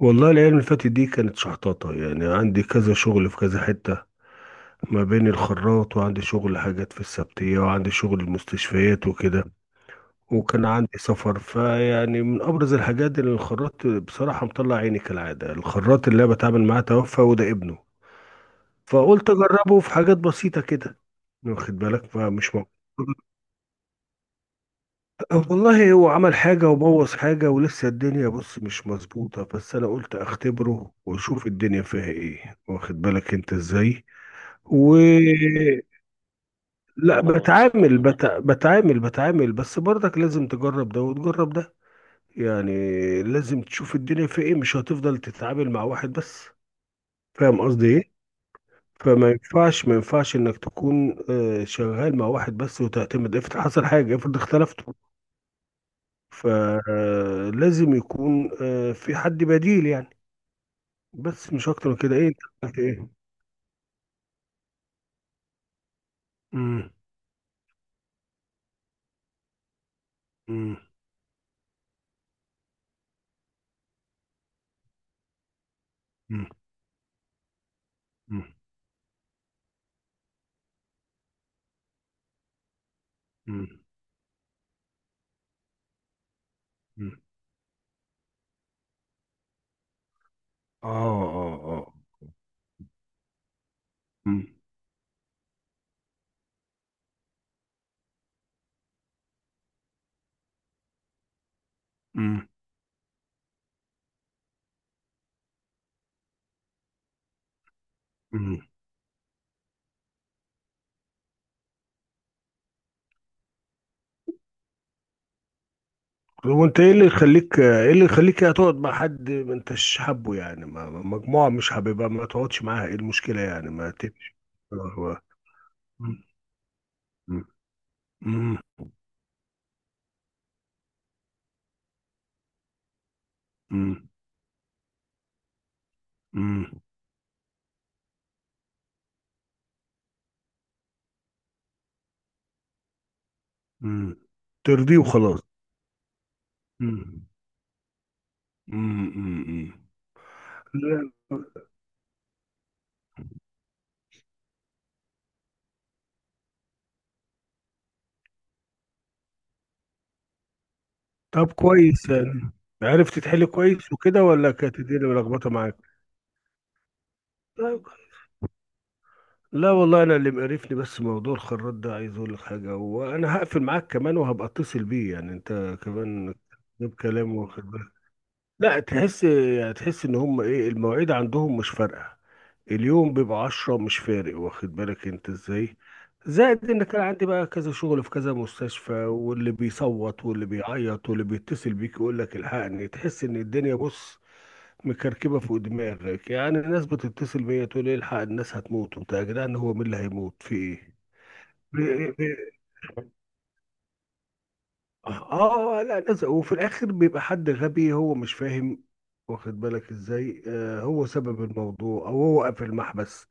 والله الأيام اللي فاتت دي كانت شحطاطة، يعني عندي كذا شغل في كذا حتة ما بين الخراط، وعندي شغل حاجات في السبتية، وعندي شغل المستشفيات وكده، وكان عندي سفر، فيعني من أبرز الحاجات اللي الخراط بصراحة مطلع عيني كالعادة. الخراط اللي أنا بتعامل معاه توفى وده ابنه، فقلت أجربه في حاجات بسيطة كده، واخد بالك، فمش موجود. والله هو عمل حاجة وبوظ حاجة، ولسه الدنيا بص مش مظبوطة، بس أنا قلت أختبره وأشوف الدنيا فيها إيه، واخد بالك أنت إزاي. و لا، بتعامل بت... بتعامل بتعامل، بس برضك لازم تجرب ده وتجرب ده، يعني لازم تشوف الدنيا فيها إيه، مش هتفضل تتعامل مع واحد بس. فاهم قصدي إيه؟ فما ينفعش ما ينفعش إنك تكون شغال مع واحد بس وتعتمد. افرض حصل حاجة، افرض اختلفتوا، فلازم يكون في حد بديل يعني. بس مش اكتر من كده. ايه، انت عملت ايه؟ مم، مم، مم، مم، مم، مم. اه، اه، اه. مم، مم، مم. طب وانت ايه اللي يخليك، ايه اللي يخليك يعني تقعد مع حد ما انتش حابه؟ يعني مجموعة مش حاببها ما تقعدش معاها، ايه المشكلة يعني؟ ما تمشي. آه، هو- مم، مم، مم، مم، مم، مم. ترضيه وخلاص. مم، مم، مم، مم. لا. طب كويس يعني، عرفت تحل كويس وكده ولا كانت الدنيا ملخبطه معاك؟ طيب. لا والله، انا اللي مقرفني بس موضوع الخراط ده. عايز اقول لك حاجه، وانا هقفل معاك كمان وهبقى اتصل بيه، يعني انت كمان جيب كلام، واخد بالك. لا، تحس يعني، تحس ان هم ايه، المواعيد عندهم مش فارقه. اليوم بيبقى 10، مش فارق، واخد بالك انت ازاي؟ زائد ان كان عندي بقى كذا شغل في كذا مستشفى، واللي بيصوت واللي بيعيط واللي بيتصل بيك يقول لك الحقني. تحس ان الدنيا بص مكركبه فوق دماغك، يعني الناس بتتصل بيا تقول لي الحق، الناس هتموت وبتاع، يا جدعان هو مين اللي هيموت في؟ ايه، اه، لا، ناس. وفي الاخر بيبقى حد غبي هو مش فاهم، واخد بالك ازاي؟ آه، هو سبب الموضوع او هو قافل المحبس،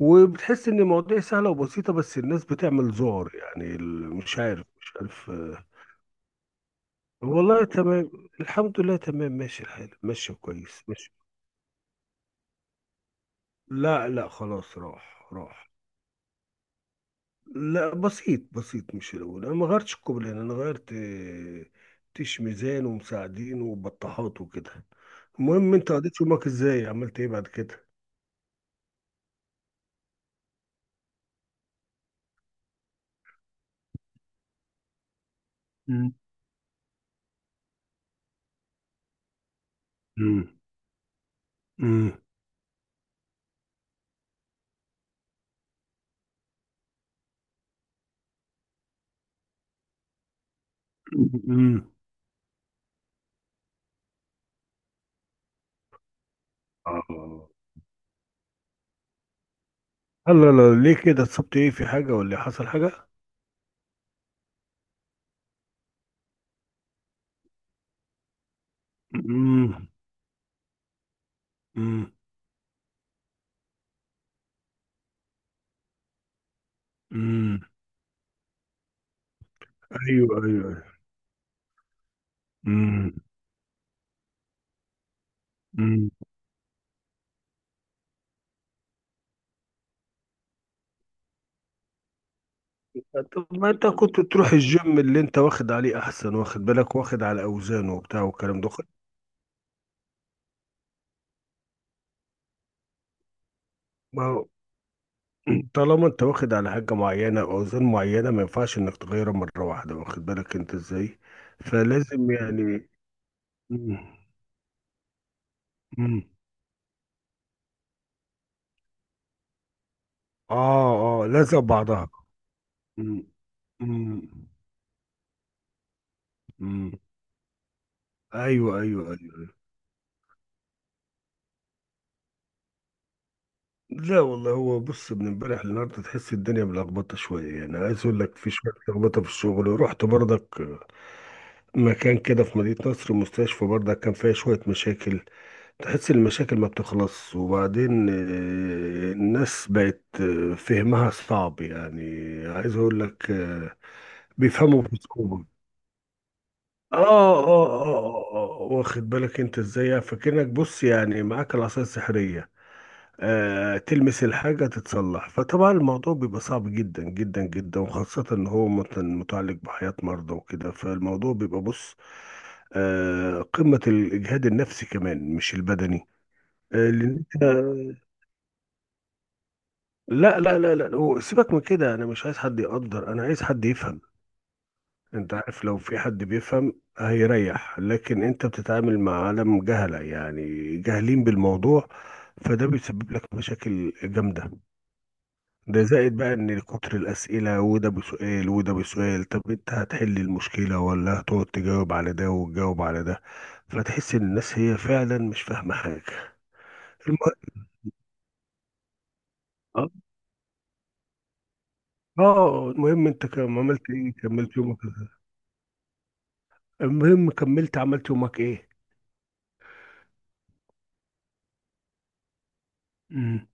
وبتحس ان المواضيع سهله وبسيطه، بس الناس بتعمل ذعر، يعني مش عارف، مش عارف، آه. والله تمام. الحمد لله، تمام، ماشي الحال، ماشي كويس، ماشي. لا، لا، خلاص، راح راح. لا، بسيط بسيط، مش الأول. أنا ما غيرتش الكوبلين، أنا غيرت تيش ميزان ومساعدين وبطاحات وكده. المهم، أنت قضيت يومك إزاي، عملت إيه بعد كده؟ مم. مم. مم. مم. آه. الله، لا ليه كده اتصبت؟ إيه، في حاجة ولا حصل حاجة؟ مم. مم. مم. أيوه، أيوه، أيوه. مم. مم. أيوه. طب ما أنت كنت تروح الجيم اللي أنت واخد عليه أحسن، واخد بالك، واخد على أوزانه وبتاع والكلام ده. ما طالما انت واخد على حاجة معينة او اوزان معينة، ما ينفعش انك تغيرها مرة واحدة، واخد بالك انت ازاي؟ فلازم يعني. مم. مم. اه، اه، لازم بعضها. مم. مم. مم. ايوه، ايوه، ايوه، أيوة. لا والله، هو بص من امبارح للنهارده تحس الدنيا ملخبطه شويه، يعني عايز اقول لك، في شويه لخبطه في الشغل، ورحت برضك مكان كده في مدينه نصر، مستشفى برضك كان فيها شويه مشاكل. تحس المشاكل ما بتخلص، وبعدين الناس بقت فهمها صعب يعني. عايز اقول لك، بيفهموا بصعوبة. واخد بالك أنت إزاي؟ فكأنك بص، يعني معاك العصاية السحرية، آه، تلمس الحاجة تتصلح. فطبعا الموضوع بيبقى صعب جدا جدا جدا، وخاصة إن هو متعلق بحياة مرضى وكده. فالموضوع بيبقى بص، آه، قمة الإجهاد النفسي كمان مش البدني. اللي انت... لا، لا، لا، لا، هو سيبك من كده، انا مش عايز حد يقدر، انا عايز حد يفهم. انت عارف، لو في حد بيفهم هيريح، لكن انت بتتعامل مع عالم جهلة يعني، جاهلين بالموضوع، فده بيسبب لك مشاكل جامدة. ده زائد بقى ان كتر الاسئلة، وده بسؤال وده بسؤال. طب انت هتحل المشكلة ولا هتقعد تجاوب على ده وتجاوب على ده؟ فتحس ان الناس هي فعلا مش فاهمة حاجة. الم... اه. المهم انت كم، عملت ايه، كملت يومك؟ المهم، كملت عملت يومك ايه؟ امم،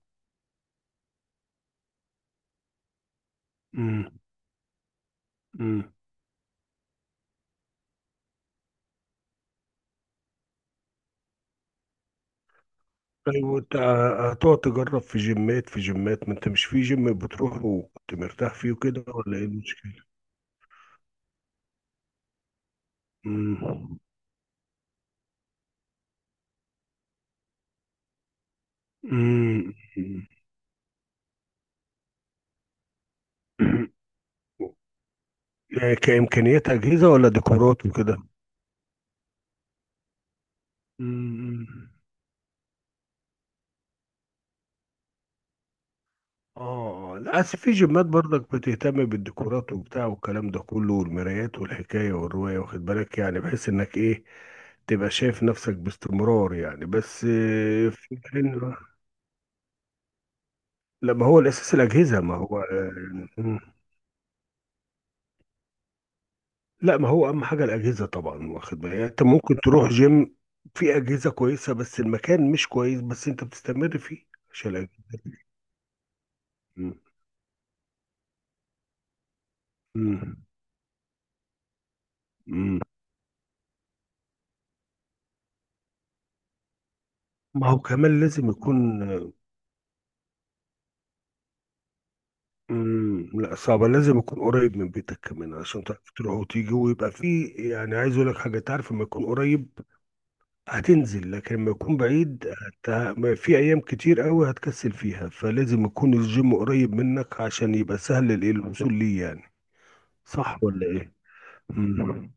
امم، امم. طيب وانت، هتقعد تجرب في جيمات في جيمات؟ ما انت مش في جيم بتروح وكنت مرتاح فيه وكده، ولا ايه المشكلة؟ امم، امم. يعني كإمكانيات أجهزة ولا ديكورات وكده؟ امم. اه، للأسف في جيمات برضك بتهتم بالديكورات وبتاع والكلام ده كله، والمرايات والحكاية والرواية، واخد بالك، يعني بحيث انك ايه، تبقى شايف نفسك باستمرار، يعني بس في حين. لا، ما هو الأساس الأجهزة، ما هو مم. لا، ما هو أهم حاجة الأجهزة طبعا، واخد بالك يعني، أنت ممكن تروح جيم في أجهزة كويسة بس المكان مش كويس، بس أنت بتستمر فيه عشان الأجهزة. مم. مم. مم. ما هو كمان لازم يكون، مم، لا صعبة، لازم يكون قريب من بيتك كمان عشان تعرف تروح وتيجي، ويبقى فيه يعني. عايز اقول لك حاجة، تعرف لما يكون قريب هتنزل، لكن لما يكون بعيد هت... في ايام كتير قوي هتكسل فيها، فلازم يكون الجيم قريب منك عشان يبقى سهل الوصول ليه يعني. صح ولا ايه؟ مم.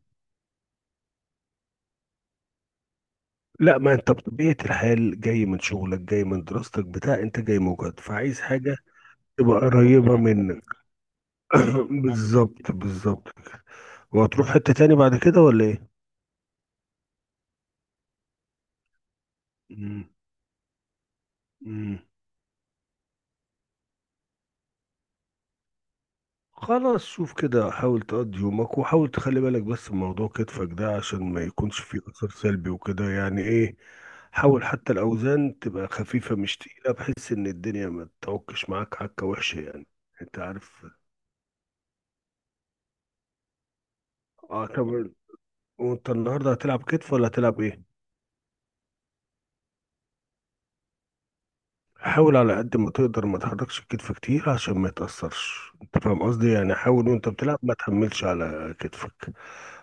لا، ما انت بطبيعة الحال جاي من شغلك، جاي من دراستك بتاع انت جاي مجهد، فعايز حاجة تبقى قريبة منك. بالظبط، بالظبط. وهتروح حتة تاني بعد كده ولا ايه؟ مم. مم. خلاص، شوف كده، حاول تقضي يومك، وحاول تخلي بالك بس من موضوع كتفك ده عشان ما يكونش فيه أثر سلبي وكده، يعني ايه، حاول حتى الأوزان تبقى خفيفة مش تقيلة، بحيث إن الدنيا ما تتوكش معاك حكة وحشة، يعني أنت عارف. اه طب، وأنت النهاردة هتلعب كتف ولا هتلعب ايه؟ حاول على قد ما تقدر ما تحركش الكتف كتير عشان ما يتأثرش، أنت فاهم قصدي، يعني حاول وأنت بتلعب ما تحملش على كتفك.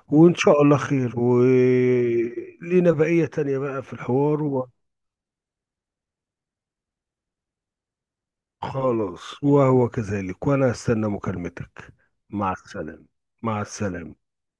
وإن شاء الله خير، ولينا بقية تانية بقى في الحوار. وخلاص، وهو كذلك، وأنا أستنى مكالمتك. مع السلامة. مع السلامة.